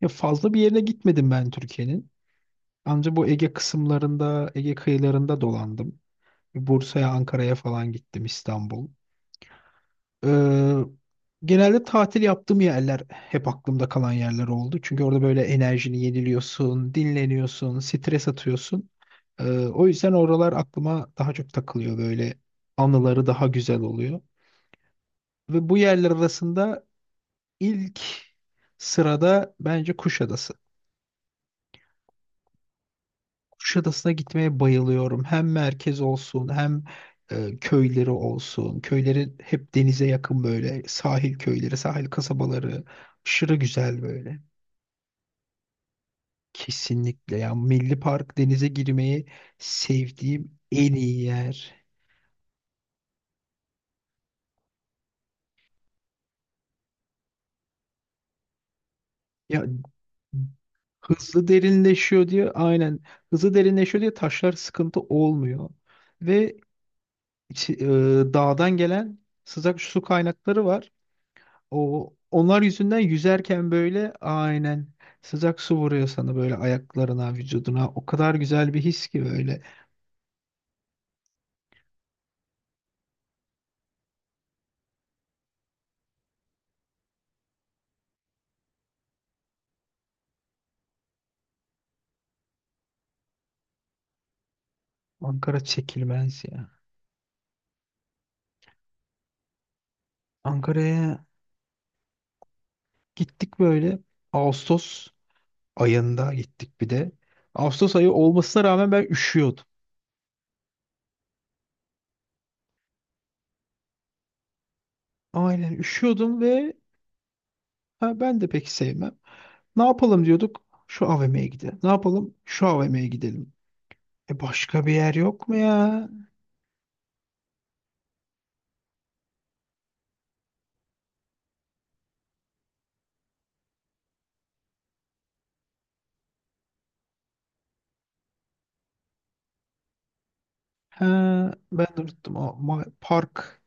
Ya fazla bir yerine gitmedim ben Türkiye'nin. Ancak bu Ege kısımlarında, Ege kıyılarında dolandım. Bursa'ya, Ankara'ya falan gittim, İstanbul. Ee, Genelde tatil yaptığım yerler hep aklımda kalan yerler oldu. Çünkü orada böyle enerjini yeniliyorsun, dinleniyorsun, stres atıyorsun. O yüzden oralar aklıma daha çok takılıyor böyle. Anıları daha güzel oluyor. Ve bu yerler arasında ilk sırada bence Kuşadası. Kuşadası'na gitmeye bayılıyorum. Hem merkez olsun hem köyleri olsun. Köyleri hep denize yakın böyle. Sahil köyleri, sahil kasabaları. Aşırı güzel böyle. Kesinlikle ya. Milli Park denize girmeyi sevdiğim en iyi yer. Ya hızlı derinleşiyor diye aynen. Hızlı derinleşiyor diye taşlar sıkıntı olmuyor. Ve içi- e, dağdan gelen sıcak su kaynakları var. Onlar yüzünden yüzerken böyle aynen sıcak su vuruyor sana böyle ayaklarına, vücuduna. O kadar güzel bir his ki böyle. Ankara çekilmez ya. Ankara'ya gittik böyle. Ağustos ayında gittik bir de. Ağustos ayı olmasına rağmen ben üşüyordum. Aynen üşüyordum ve ha, ben de pek sevmem. Ne yapalım diyorduk? Şu AVM'ye gidelim. Ne yapalım? Şu AVM'ye gidelim. E başka bir yer yok mu ya? Ha, ben de unuttum. Park.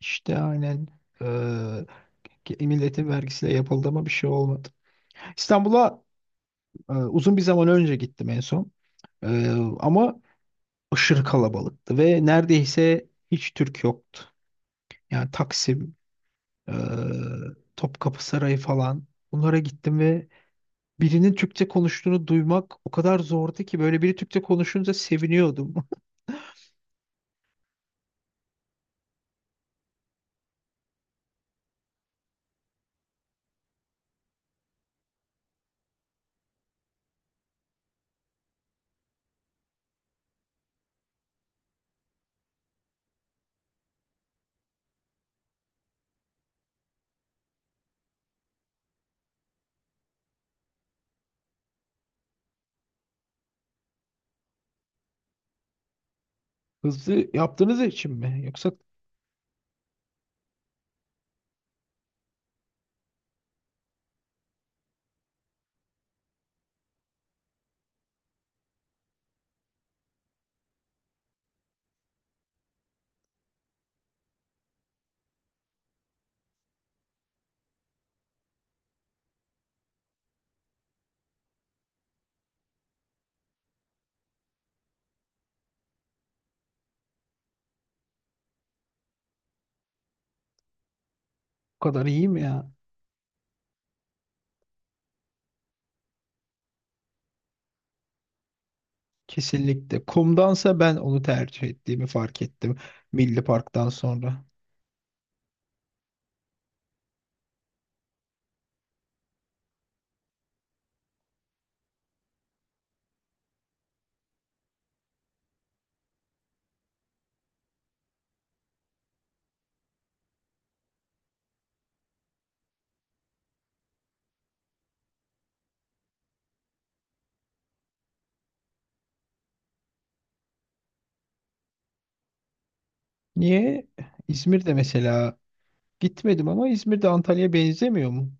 İşte aynen eee milletin vergisiyle yapıldı ama bir şey olmadı. İstanbul'a uzun bir zaman önce gittim en son. Eee, Ama aşırı kalabalıktı ve neredeyse hiç Türk yoktu. Yani Taksim, eee, Topkapı Sarayı falan bunlara gittim ve birinin Türkçe konuştuğunu duymak o kadar zordu ki böyle biri Türkçe konuşunca seviniyordum. Hızlı yaptığınız için mi? Yoksa bu kadar iyi mi ya? Kesinlikle. Kumdansa ben onu tercih ettiğimi fark ettim. Milli Park'tan sonra. Niye? İzmir'de mesela gitmedim ama İzmir'de Antalya'ya benzemiyor mu?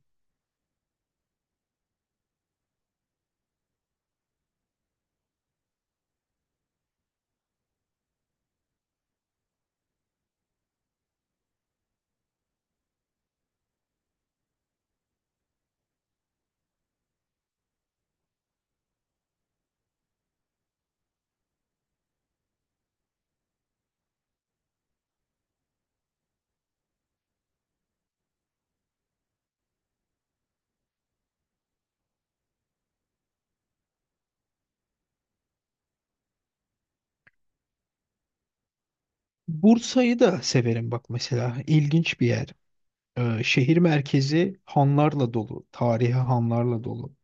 Bursa'yı da severim bak mesela. İlginç bir yer. Şehir merkezi hanlarla dolu. Tarihi hanlarla dolu.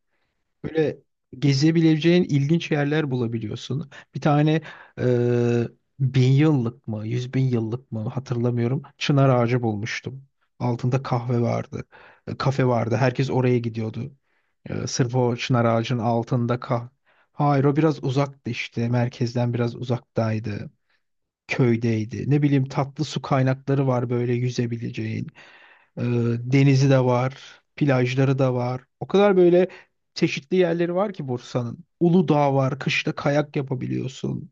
Böyle gezebileceğin ilginç yerler bulabiliyorsun. Bir tane e, bin yıllık mı, yüz bin yıllık mı hatırlamıyorum. Çınar ağacı bulmuştum. Altında kahve vardı. Kafe vardı. Herkes oraya gidiyordu. Sırf o çınar ağacının altında kah. Hayır, o biraz uzaktı işte. Merkezden biraz uzaktaydı. Köydeydi. Ne bileyim, tatlı su kaynakları var böyle yüzebileceğin. Ee, Denizi de var, plajları da var. O kadar böyle çeşitli yerleri var ki Bursa'nın. Uludağ var, kışta kayak yapabiliyorsun.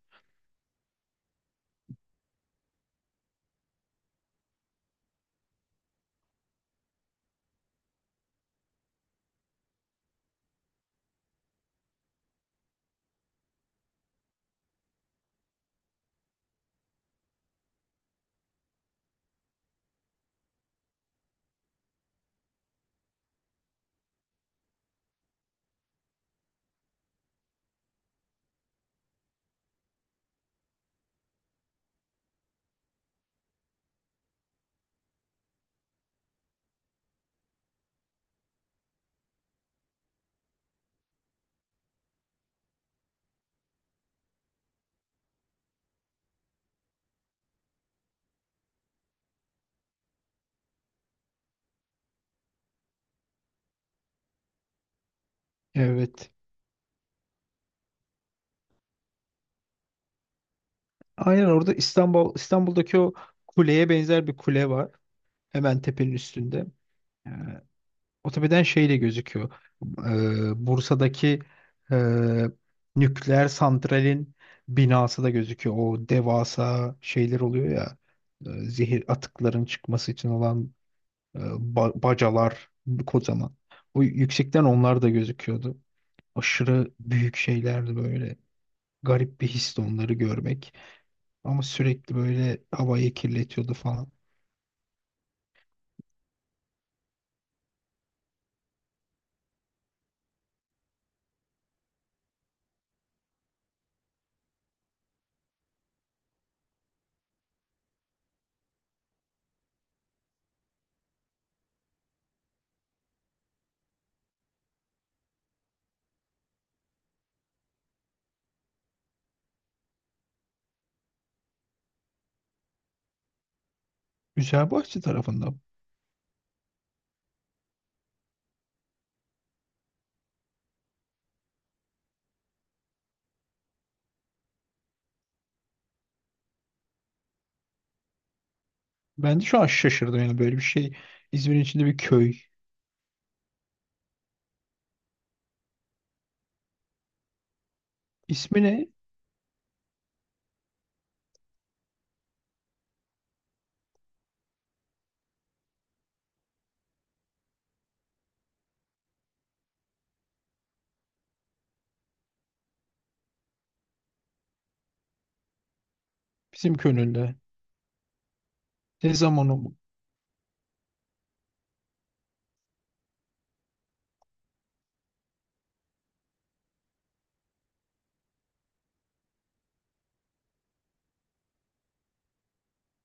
Evet. Aynen orada İstanbul'daki o kuleye benzer bir kule var. Hemen tepenin üstünde. Yani Otobeden şey de gözüküyor. Bursa'daki e, nükleer santralin binası da gözüküyor. O devasa şeyler oluyor ya. Zehir atıkların çıkması için olan e, bacalar kocaman. O yüksekten onlar da gözüküyordu. Aşırı büyük şeylerdi böyle. Garip bir histi onları görmek. Ama sürekli böyle havayı kirletiyordu falan. Güzelbahçe tarafında. Ben de şu an şaşırdım yani böyle bir şey. İzmir'in içinde bir köy. İsmi ne? Bizim Könül'de. Ne zaman o?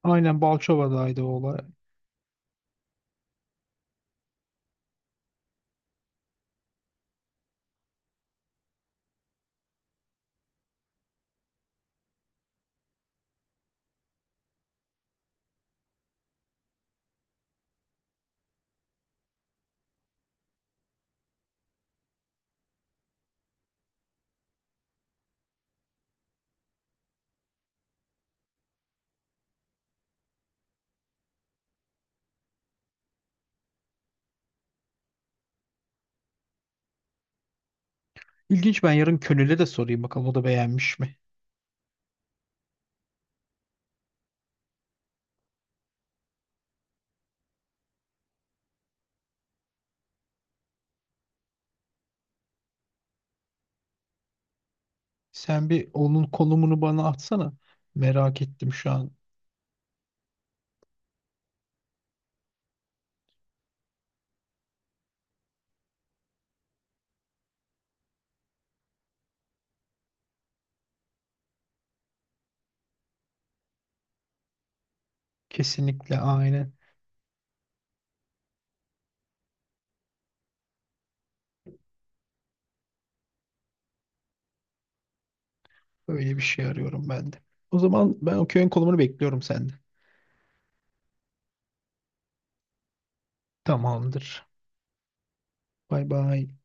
Aynen Balçova'daydı o olay. İlginç, ben yarın Könül'e de sorayım bakalım, o da beğenmiş mi? Sen bir onun konumunu bana atsana. Merak ettim şu an. Kesinlikle aynen. Öyle bir şey arıyorum ben de. O zaman ben o köyün konumunu bekliyorum senden. Tamamdır. Bay bay.